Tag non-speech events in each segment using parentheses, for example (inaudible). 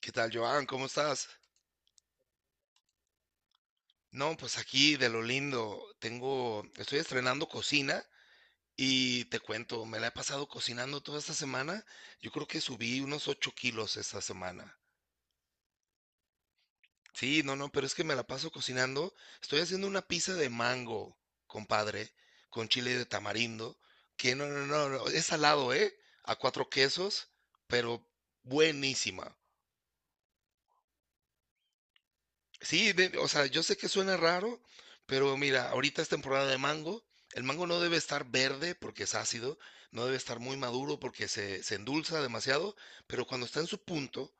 ¿Qué tal, Joan? ¿Cómo estás? No, pues aquí de lo lindo, estoy estrenando cocina y te cuento, me la he pasado cocinando toda esta semana. Yo creo que subí unos 8 kilos esta semana. Sí, no, no, pero es que me la paso cocinando. Estoy haciendo una pizza de mango, compadre, con chile de tamarindo, que no, no, no, no, es salado, ¿eh? A cuatro quesos, pero buenísima. Sí, de o sea, yo sé que suena raro, pero mira, ahorita es temporada de mango. El mango no debe estar verde porque es ácido, no debe estar muy maduro porque se endulza demasiado, pero cuando está en su punto,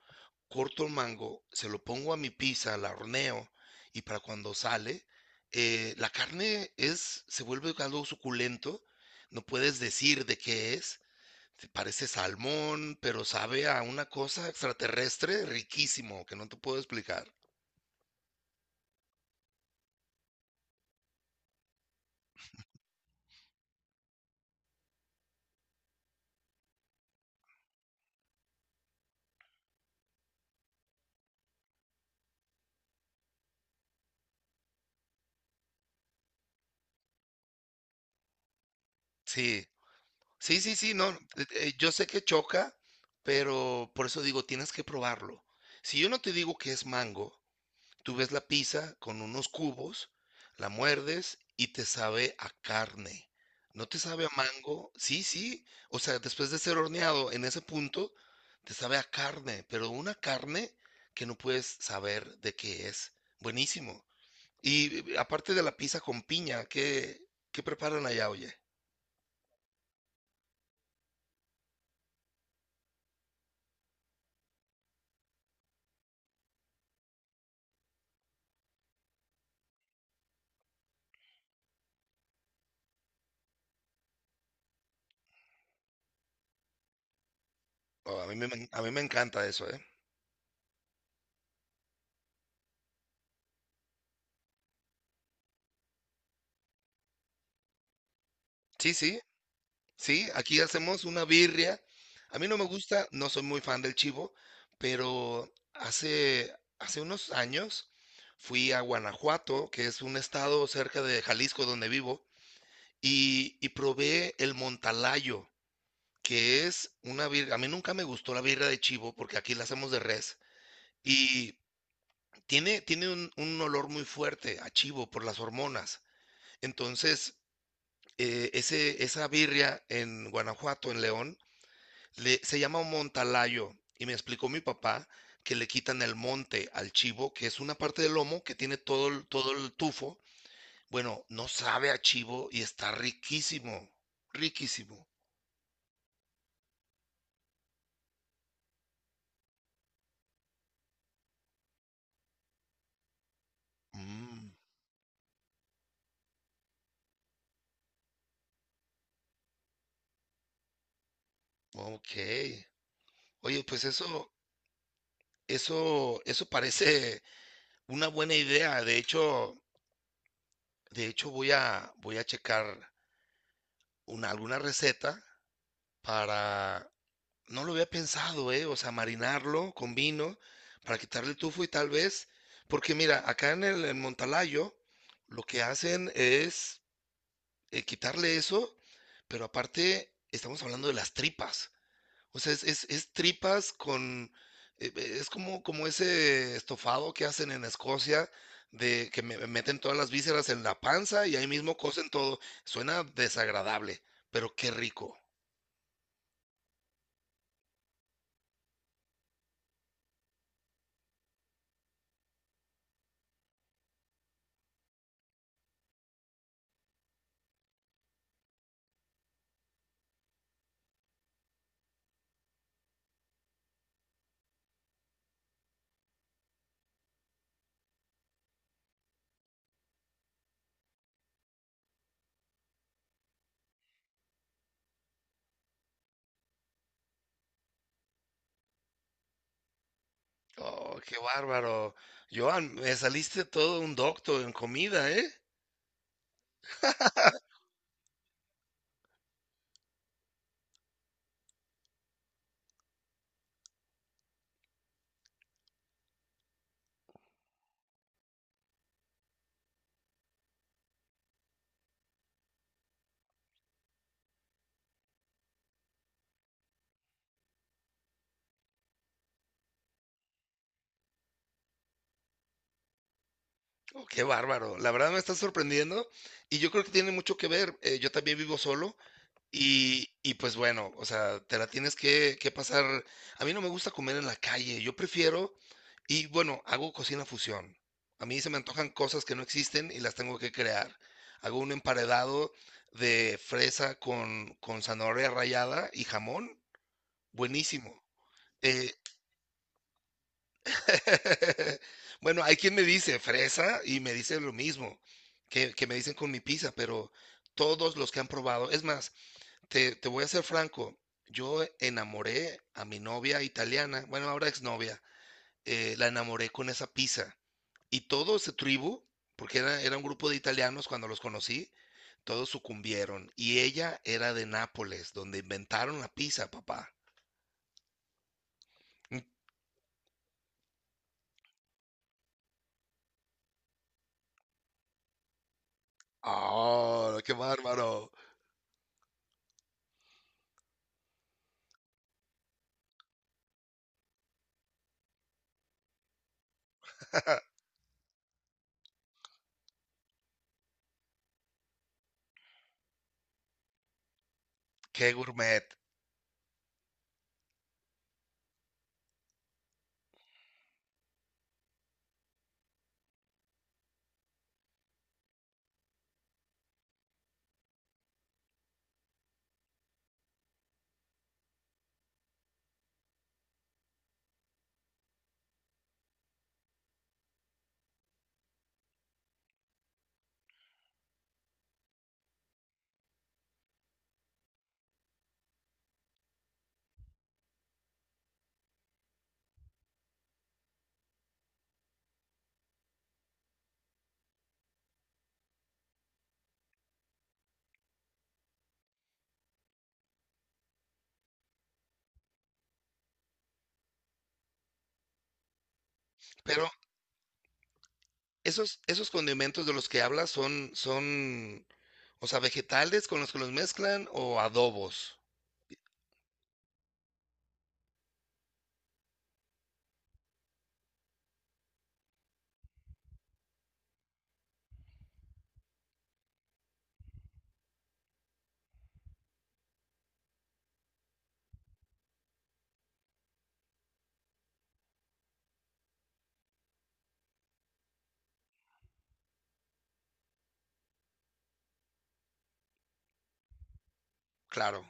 corto el mango, se lo pongo a mi pizza, la horneo, y para cuando sale, la carne se vuelve algo suculento, no puedes decir de qué es, te parece salmón, pero sabe a una cosa extraterrestre riquísimo que no te puedo explicar. Sí. Sí, sí, sí, no, yo sé que choca, pero por eso digo, tienes que probarlo. Si yo no te digo que es mango, tú ves la pizza con unos cubos, la muerdes y te sabe a carne. ¿No te sabe a mango? Sí, sí. O sea, después de ser horneado en ese punto, te sabe a carne, pero una carne que no puedes saber de qué es. Buenísimo. Y aparte de la pizza con piña, ¿qué preparan allá, oye? Oh, a mí me encanta eso, ¿eh? Sí, sí, sí, aquí hacemos una birria. A mí no me gusta, no soy muy fan del chivo, pero hace, hace unos años fui a Guanajuato, que es un estado cerca de Jalisco donde vivo, y probé el montalayo, que es una birria. A mí nunca me gustó la birria de chivo porque aquí la hacemos de res y tiene un olor muy fuerte a chivo por las hormonas. Entonces, esa birria en Guanajuato, en León, se llama montalayo y me explicó mi papá que le quitan el monte al chivo, que es una parte del lomo que tiene todo el tufo. Bueno, no sabe a chivo y está riquísimo, riquísimo. Mm, ok. Oye, eso parece una buena idea. De hecho voy a checar alguna receta para... No lo había pensado, ¿eh? O sea, marinarlo con vino para quitarle el tufo y tal vez, porque mira, acá en Montalayo lo que hacen es quitarle eso, pero aparte estamos hablando de las tripas. O sea, es tripas con... es como, como ese estofado que hacen en Escocia, de que me meten todas las vísceras en la panza y ahí mismo cocen todo. Suena desagradable, pero qué rico. Oh, qué bárbaro. Joan, me saliste todo un doctor en comida, ¿eh? Oh, qué bárbaro. La verdad me está sorprendiendo y yo creo que tiene mucho que ver. Yo también vivo solo y pues bueno, o sea, te la tienes que pasar. A mí no me gusta comer en la calle, yo prefiero, y bueno, hago cocina fusión. A mí se me antojan cosas que no existen y las tengo que crear. Hago un emparedado de fresa con zanahoria rallada y jamón, buenísimo. Eh, (laughs) Bueno, hay quien me dice fresa y me dice lo mismo que me dicen con mi pizza, pero todos los que han probado, es más, te voy a ser franco, yo enamoré a mi novia italiana, bueno, ahora exnovia, la enamoré con esa pizza. Y todo ese tribu, porque era un grupo de italianos cuando los conocí, todos sucumbieron. Y ella era de Nápoles, donde inventaron la pizza, papá. Mm. ¡Oh, qué bárbaro! ¡Qué gourmet! Pero esos esos condimentos de los que hablas son, o sea, ¿vegetales con los que los mezclan o adobos? Claro,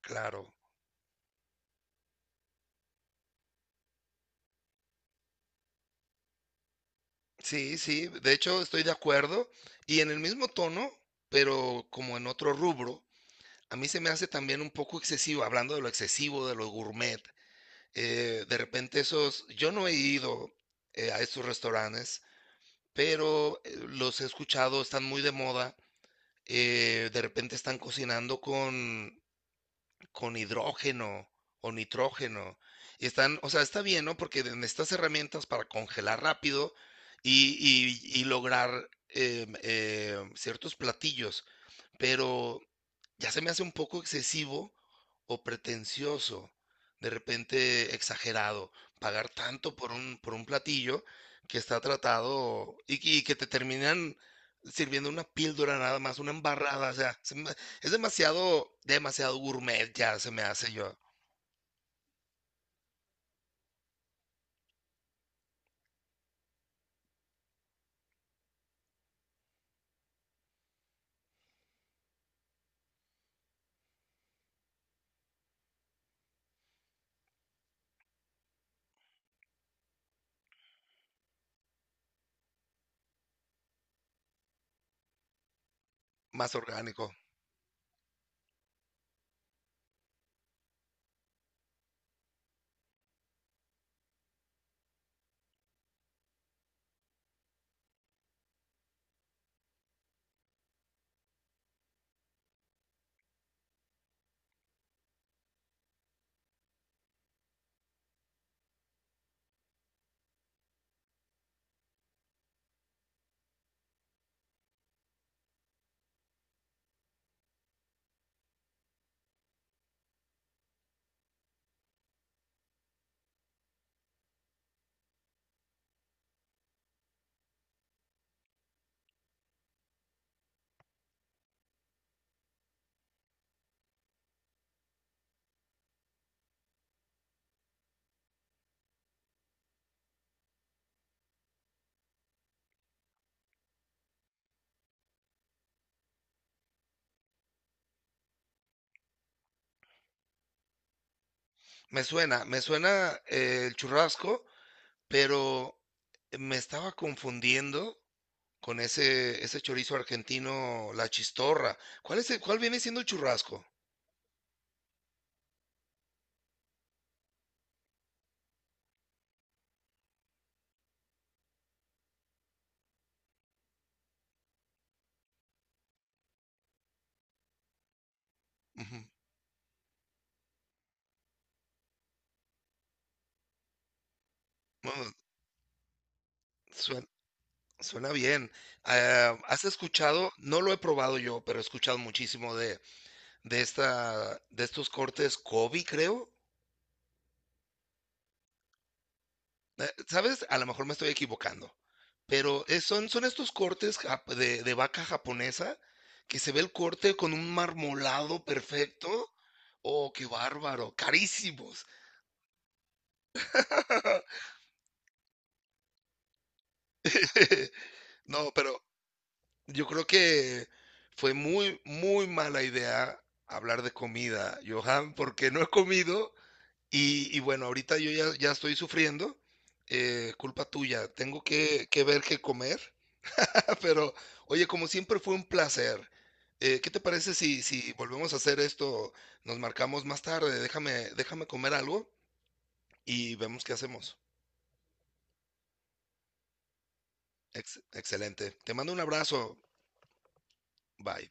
claro. Sí, sí, de hecho, estoy de acuerdo. Y en el mismo tono, pero como en otro rubro, a mí se me hace también un poco excesivo, hablando de lo excesivo, de lo gourmet. De repente esos, yo no he ido a estos restaurantes, pero los he escuchado, están muy de moda. De repente están cocinando con hidrógeno o nitrógeno. Y están, o sea, está bien, ¿no? Porque necesitas herramientas para congelar rápido y, y lograr ciertos platillos, pero ya se me hace un poco excesivo o pretencioso, de repente exagerado, pagar tanto por por un platillo que está tratado, y que te terminan sirviendo una píldora nada más, una embarrada, es demasiado, demasiado gourmet ya se me hace, yo, más orgánico. Me suena el churrasco, pero me estaba confundiendo con ese chorizo argentino, la chistorra. ¿Cuál viene siendo el churrasco? Ujú. Bueno, suen suena bien. Ah, ¿has escuchado? No lo he probado yo, pero he escuchado muchísimo de esta de estos cortes Kobe, creo. ¿Sabes? A lo mejor me estoy equivocando, pero, son estos cortes jap de vaca japonesa, que se ve el corte con un marmolado perfecto. Oh, qué bárbaro, carísimos. (laughs) No, pero yo creo que fue muy, muy mala idea hablar de comida, Johan, porque no he comido y bueno, ahorita yo ya estoy sufriendo. Culpa tuya, tengo que ver qué comer. (laughs) Pero, oye, como siempre fue un placer. ¿Qué te parece si volvemos a hacer esto? Nos marcamos más tarde, déjame, déjame comer algo y vemos qué hacemos. Excelente. Te mando un abrazo. Bye.